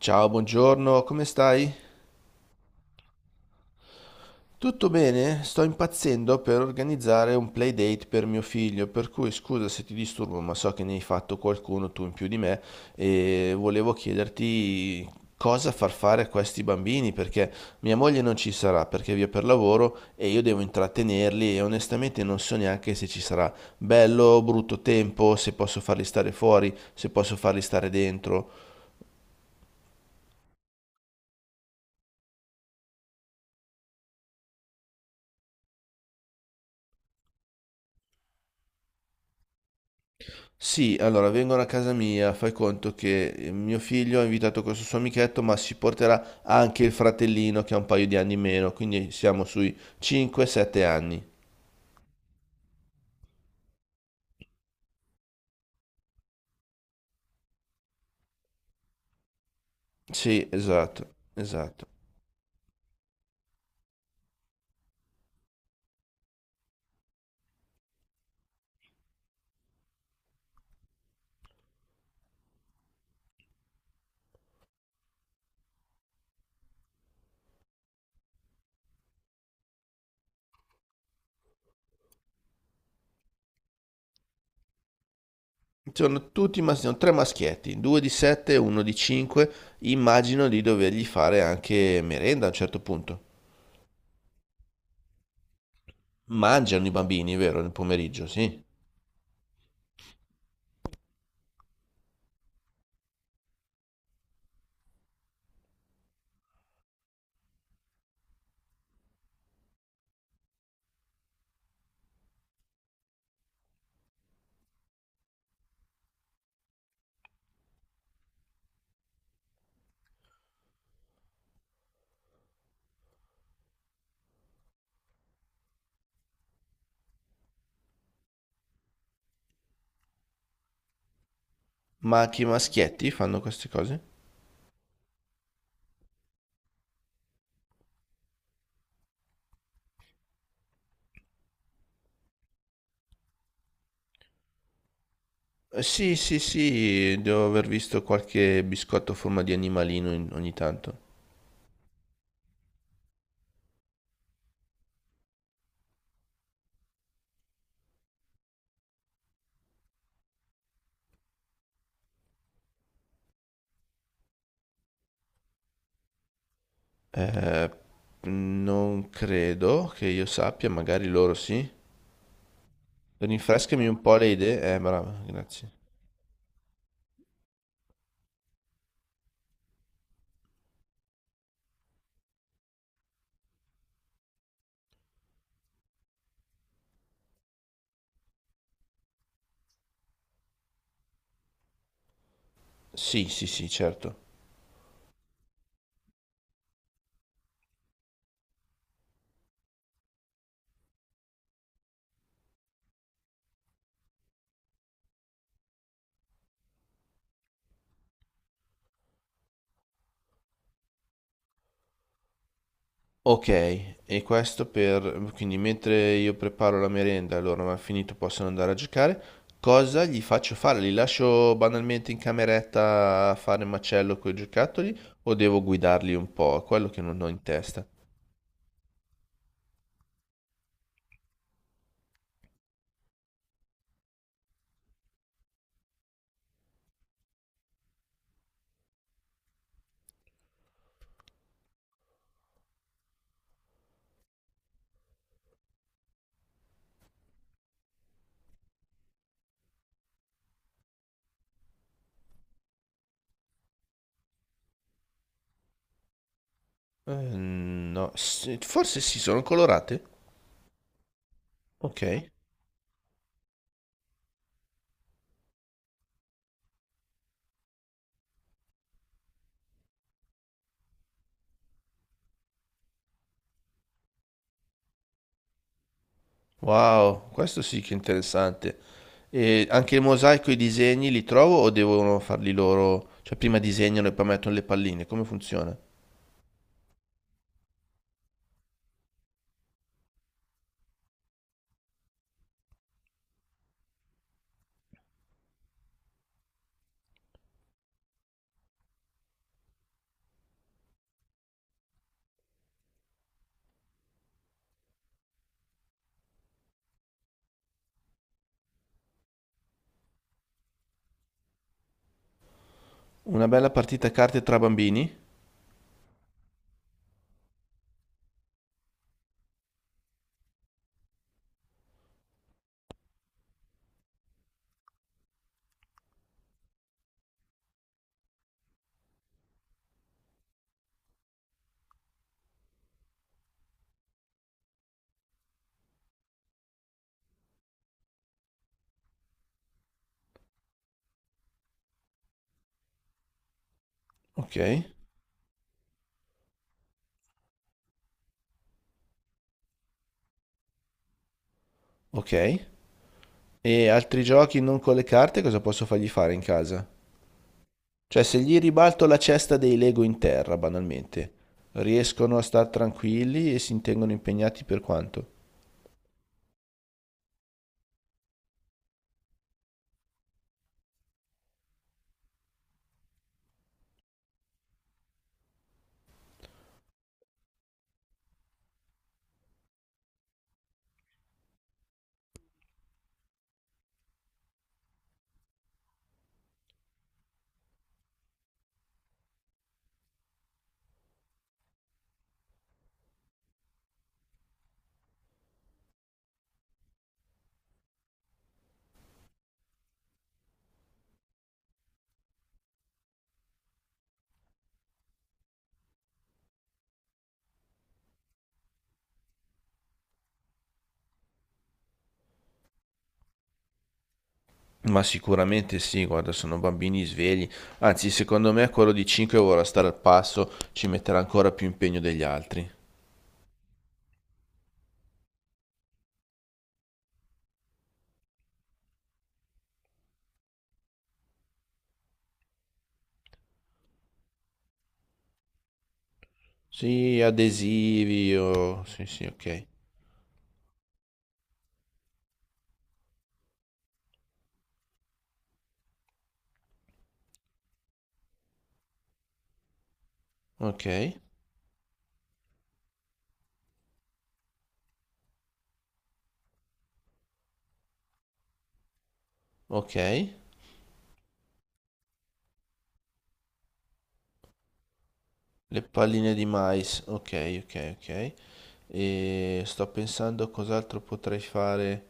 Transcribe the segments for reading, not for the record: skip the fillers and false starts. Ciao, buongiorno, come stai? Tutto bene? Sto impazzendo per organizzare un playdate per mio figlio, per cui scusa se ti disturbo, ma so che ne hai fatto qualcuno tu in più di me e volevo chiederti cosa far fare a questi bambini, perché mia moglie non ci sarà, perché è via per lavoro e io devo intrattenerli e onestamente non so neanche se ci sarà bello o brutto tempo, se posso farli stare fuori, se posso farli stare dentro. Sì, allora vengono a casa mia, fai conto che mio figlio ha invitato questo suo amichetto, ma si porterà anche il fratellino che ha un paio di anni in meno, quindi siamo sui 5-7 anni. Sì, esatto, esatto. Sono tutti, sono tre maschietti, due di 7 e uno di 5. Immagino di dovergli fare anche merenda a un certo punto. Mangiano i bambini, vero, nel pomeriggio, sì. Ma anche i maschietti fanno queste cose? Sì, sì, sì, devo aver visto qualche biscotto a forma di animalino ogni tanto. Eh, non credo che io sappia, magari loro sì. Rinfrescami un po' le idee. Brava, grazie. Sì, sì, sì, certo. Ok, e questo per... Quindi mentre io preparo la merenda e loro non hanno finito possono andare a giocare, cosa gli faccio fare? Li lascio banalmente in cameretta a fare macello con i giocattoli o devo guidarli un po'? È quello che non ho in testa. No, sì, forse sì, sono colorate. Ok. Wow, questo sì che è interessante. E anche il mosaico e i disegni li trovo o devono farli loro? Cioè prima disegnano e poi mettono le palline, come funziona? Una bella partita a carte tra bambini? Ok, ok. E altri giochi non con le carte, cosa posso fargli fare in casa? Cioè se gli ribalto la cesta dei Lego in terra, banalmente, riescono a star tranquilli e si intengono impegnati per quanto? Ma sicuramente sì, guarda, sono bambini svegli. Anzi, secondo me quello di 5 vorrà stare al passo, ci metterà ancora più impegno degli altri. Sì, adesivi, oh, sì, sì, ok. Ok, ok. Le palline di mais, ok, ok, ok. E sto pensando a cos'altro potrei fare.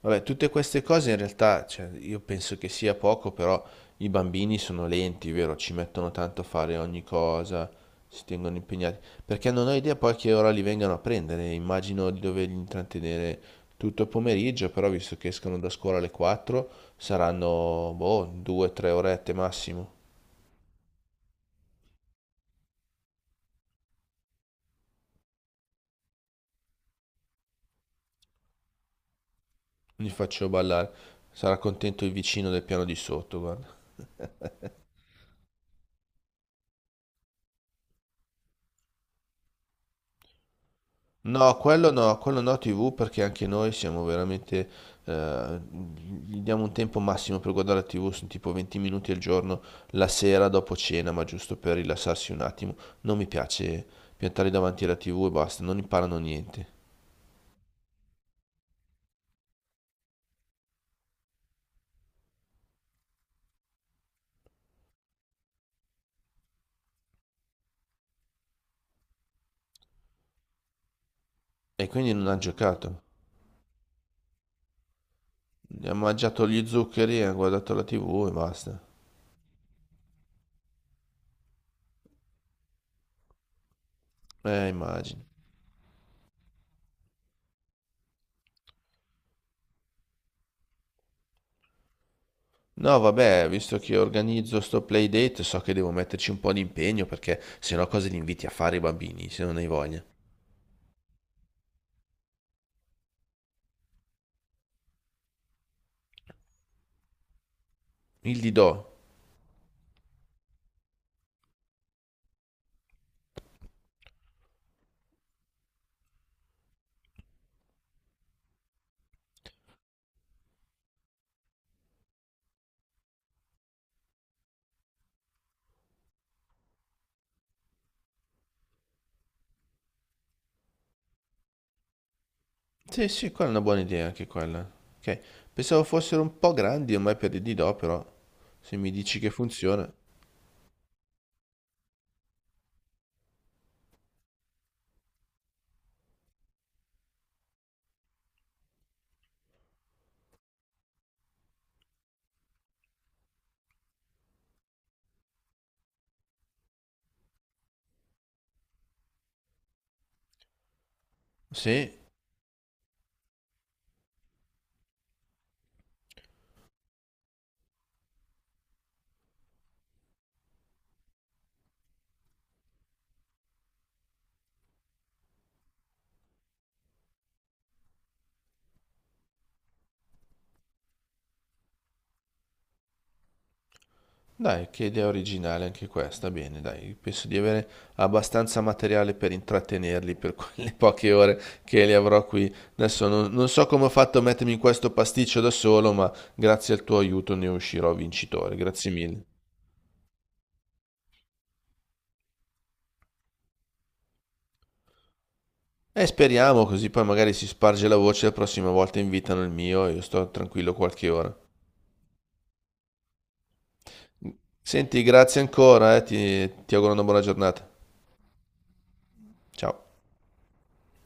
Vabbè, tutte queste cose in realtà, cioè, io penso che sia poco, però i bambini sono lenti, vero? Ci mettono tanto a fare ogni cosa, si tengono impegnati, perché non ho idea poi a che ora li vengano a prendere, immagino di doverli intrattenere tutto il pomeriggio, però visto che escono da scuola alle 4, saranno, boh, 2-3 orette massimo. Li faccio ballare, sarà contento il vicino del piano di sotto, guarda. No, quello no, quello no TV perché anche noi siamo veramente, eh, gli diamo un tempo massimo per guardare la TV, sono tipo 20 minuti al giorno, la sera dopo cena, ma giusto per rilassarsi un attimo. Non mi piace piantarli davanti alla TV e basta, non imparano niente. E quindi non ha giocato. Ha mangiato gli zuccheri, ha guardato la TV e basta. Immagino. No, vabbè, visto che organizzo sto playdate, so che devo metterci un po' di impegno perché sennò cosa li inviti a fare i bambini, se non hai voglia. Il didò. Sì, sì, quella è una buona idea anche quella. Ok. Pensavo fossero un po' grandi ormai per il Didò, però se mi dici che funziona. Sì, dai, che idea originale anche questa. Bene, dai, penso di avere abbastanza materiale per intrattenerli per quelle poche ore che li avrò qui. Adesso non, non so come ho fatto a mettermi in questo pasticcio da solo, ma grazie al tuo aiuto ne uscirò vincitore. Grazie mille. E speriamo, così poi magari si sparge la voce, la prossima volta invitano il mio e io sto tranquillo qualche ora. Senti, grazie ancora, ti, ti auguro una buona giornata. Ciao.